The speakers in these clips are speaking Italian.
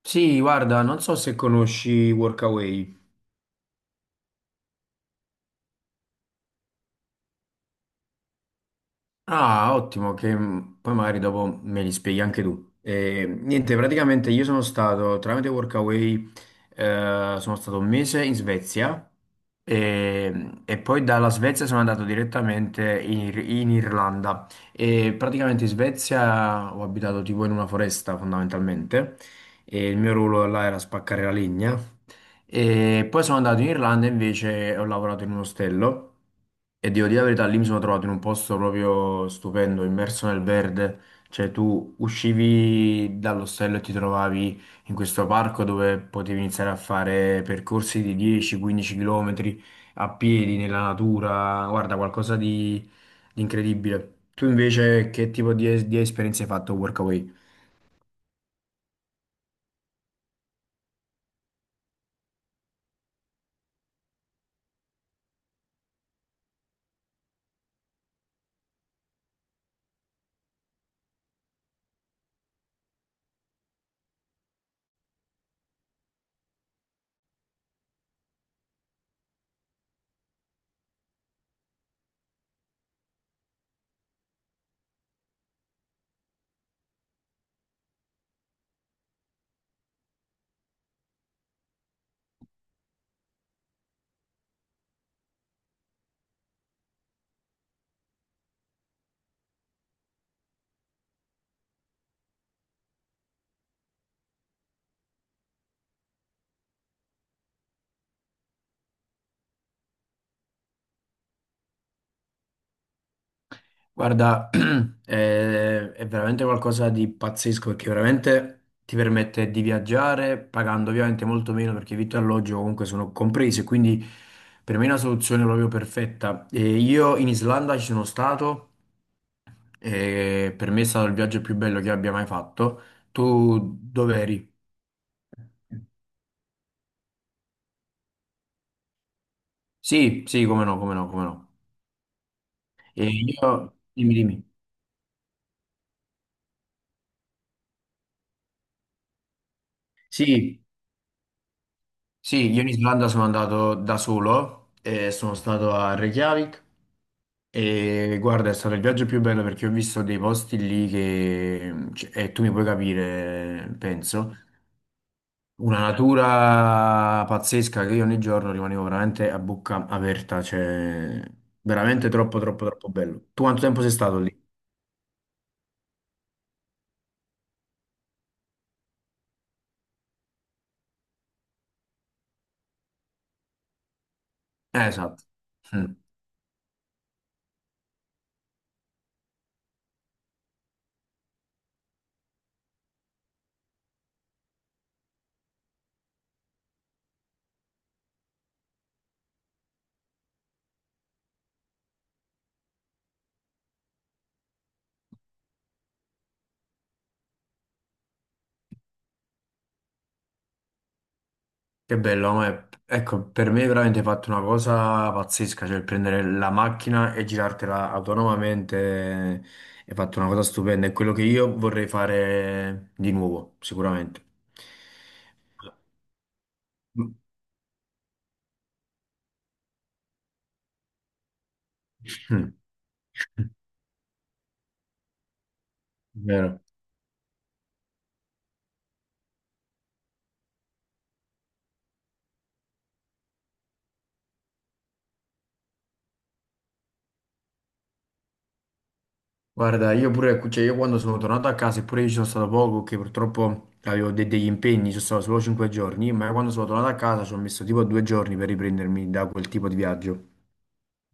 Sì, guarda, non so se conosci Workaway. Ah, ottimo, che poi magari dopo me li spieghi anche tu. Niente, praticamente io sono stato tramite Workaway, sono stato un mese in Svezia e poi dalla Svezia sono andato direttamente in Irlanda. E praticamente in Svezia ho abitato tipo in una foresta fondamentalmente e il mio ruolo là era spaccare la legna. E poi sono andato in Irlanda invece e ho lavorato in un ostello e devo dire la verità, lì mi sono trovato in un posto proprio stupendo, immerso nel verde, cioè tu uscivi dall'ostello e ti trovavi in questo parco dove potevi iniziare a fare percorsi di 10-15 km a piedi nella natura, guarda, di incredibile. Tu invece che tipo di esperienze hai fatto a Workaway? Guarda, è veramente qualcosa di pazzesco perché veramente ti permette di viaggiare pagando ovviamente molto meno perché vitto e alloggio comunque sono comprese, quindi per me è una soluzione proprio perfetta. E io in Islanda ci sono stato e per me è stato il viaggio più bello che abbia mai fatto. Tu dove eri? Sì, sì, come no, come no, come no. E io, dimmi, dimmi. Sì, sì, io in Islanda sono andato da solo e sono stato a Reykjavik. E guarda, è stato il viaggio più bello perché ho visto dei posti lì che, cioè, e tu mi puoi capire, penso, una natura pazzesca che io ogni giorno rimanevo veramente a bocca aperta, cioè veramente troppo, troppo, troppo bello. Tu quanto tempo sei stato lì? Esatto. Che bello, ma è- ecco, per me è veramente fatto una cosa pazzesca, cioè il prendere la macchina e girartela autonomamente è fatto una cosa stupenda, è quello che io vorrei fare di nuovo, sicuramente. Mm. Mm. Vero. Guarda, io pure, cioè, io quando sono tornato a casa, eppure io ci sono stato poco, che purtroppo avevo degli impegni, ci sono stato solo cinque giorni, ma quando sono tornato a casa ci ho messo tipo due giorni per riprendermi da quel tipo di viaggio.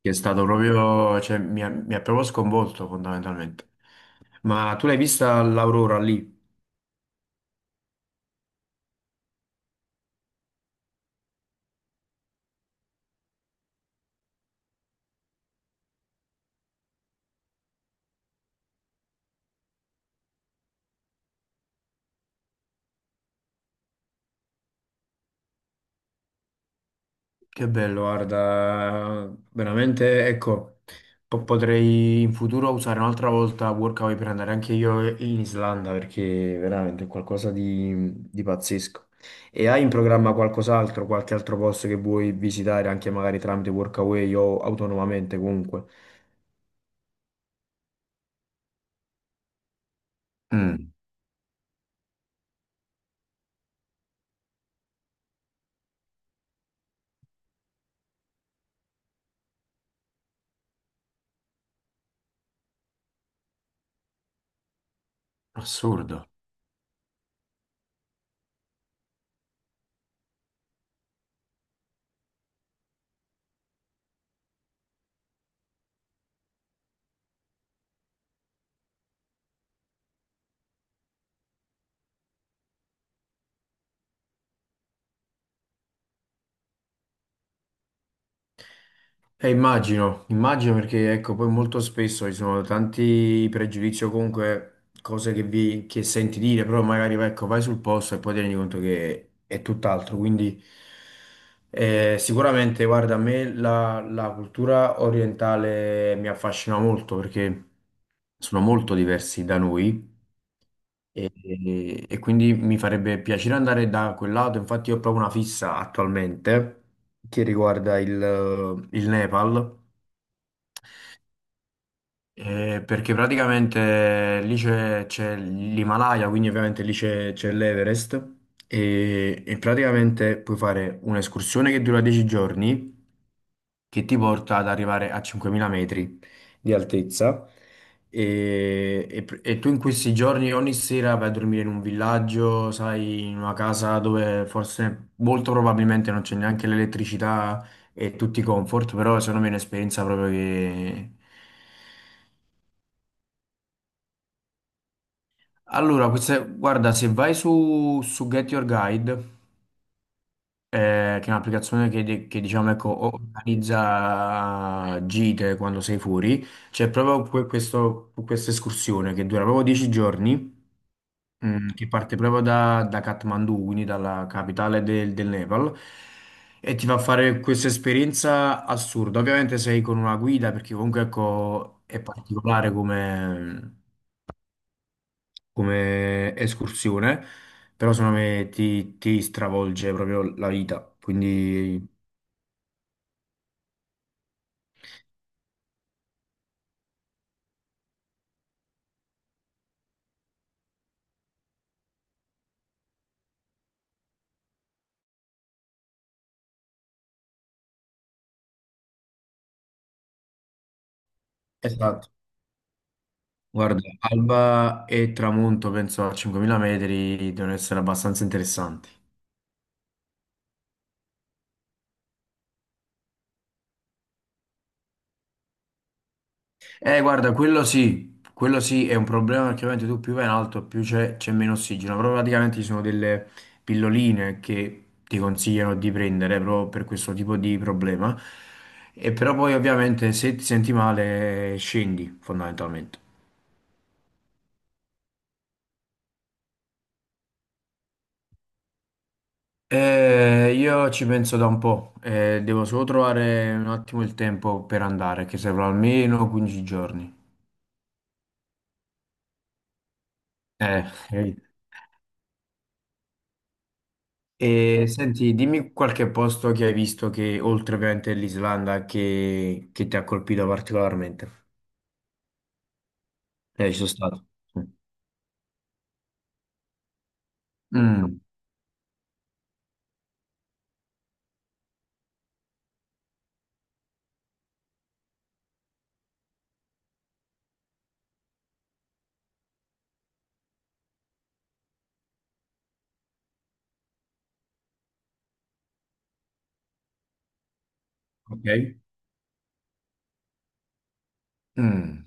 Che è stato proprio, cioè, mi ha proprio sconvolto fondamentalmente. Ma tu l'hai vista l'aurora lì? Che bello, guarda, veramente, ecco, potrei in futuro usare un'altra volta Workaway per andare anche io in Islanda perché veramente è di pazzesco. E hai in programma qualcos'altro, qualche altro posto che vuoi visitare anche magari tramite Workaway o autonomamente comunque? Mm, assurdo. Immagino, immagino perché ecco, poi molto spesso ci sono tanti pregiudizi o comunque cose che senti dire, però magari ecco, vai sul posto e poi ti rendi conto che è tutt'altro. Quindi sicuramente, guarda, la cultura orientale mi affascina molto perché sono molto diversi da noi. E quindi mi farebbe piacere andare da quel lato, infatti io ho proprio una fissa attualmente che riguarda il Nepal perché praticamente lì c'è l'Himalaya, quindi ovviamente lì c'è l'Everest e praticamente puoi fare un'escursione che dura 10 giorni che ti porta ad arrivare a 5000 metri di altezza e, e tu in questi giorni ogni sera vai a dormire in un villaggio, sai, in una casa dove forse molto probabilmente non c'è neanche l'elettricità e tutti i comfort, però secondo me è un'esperienza proprio che... Allora, guarda, se vai su Get Your Guide, che è un'applicazione che, diciamo, ecco, organizza gite quando sei fuori, c'è proprio questa escursione che dura proprio 10 giorni, mm, che parte proprio da Kathmandu, quindi dalla capitale del Nepal, e ti fa fare questa esperienza assurda. Ovviamente sei con una guida, perché comunque, ecco, è particolare come escursione, però secondo me ti stravolge proprio la vita. Quindi, esatto. Guarda, alba e tramonto, penso a 5.000 metri, devono essere abbastanza interessanti. Guarda, quello sì è un problema perché ovviamente tu più vai in alto, più c'è meno ossigeno, però praticamente ci sono delle pilloline che ti consigliano di prendere proprio per questo tipo di problema. E però poi ovviamente se ti senti male scendi fondamentalmente. Io ci penso da un po', devo solo trovare un attimo il tempo per andare, che servono almeno 15 giorni. Eh, eh. E senti, dimmi qualche posto che hai visto che, oltre ovviamente l'Islanda, che ti ha colpito particolarmente. Ci sono stato. Mm, ok. Mm.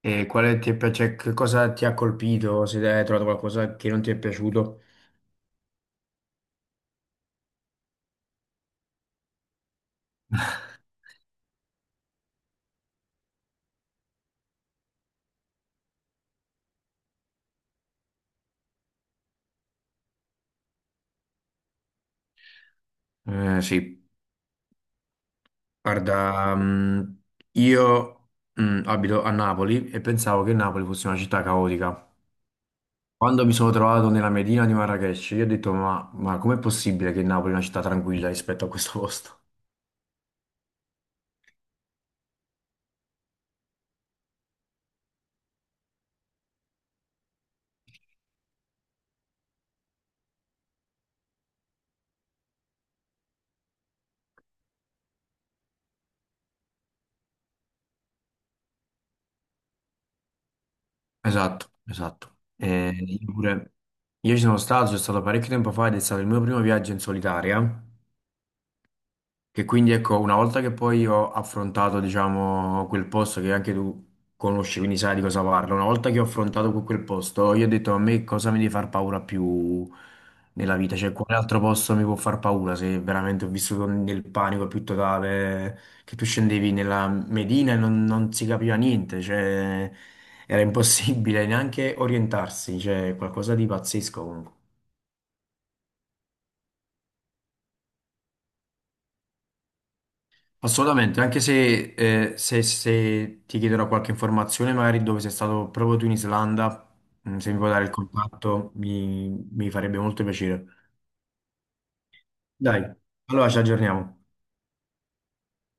E quale ti è pi- cioè, che cosa ti ha colpito? Se hai trovato qualcosa che non ti è piaciuto? Sì. Guarda, io abito a Napoli e pensavo che Napoli fosse una città caotica. Quando mi sono trovato nella Medina di Marrakech, io ho detto: ma com'è possibile che Napoli è una città tranquilla rispetto a questo posto? Esatto, esatto. Io pure, io ci sono stato parecchio tempo fa ed è stato il mio primo viaggio in solitaria. Che quindi ecco, una volta che poi ho affrontato, diciamo, quel posto che anche tu conosci, quindi sai di cosa parlo, una volta che ho affrontato quel posto, io ho detto a me cosa mi deve far paura più nella vita, cioè quale altro posto mi può far paura se veramente ho vissuto nel panico più totale, che tu scendevi nella Medina e non si capiva niente, cioè era impossibile neanche orientarsi, cioè qualcosa di pazzesco comunque. Assolutamente, anche se, se ti chiederò qualche informazione, magari dove sei stato proprio tu in Islanda, mm, se mi puoi dare il contatto, mi farebbe molto piacere. Dai, allora ci aggiorniamo.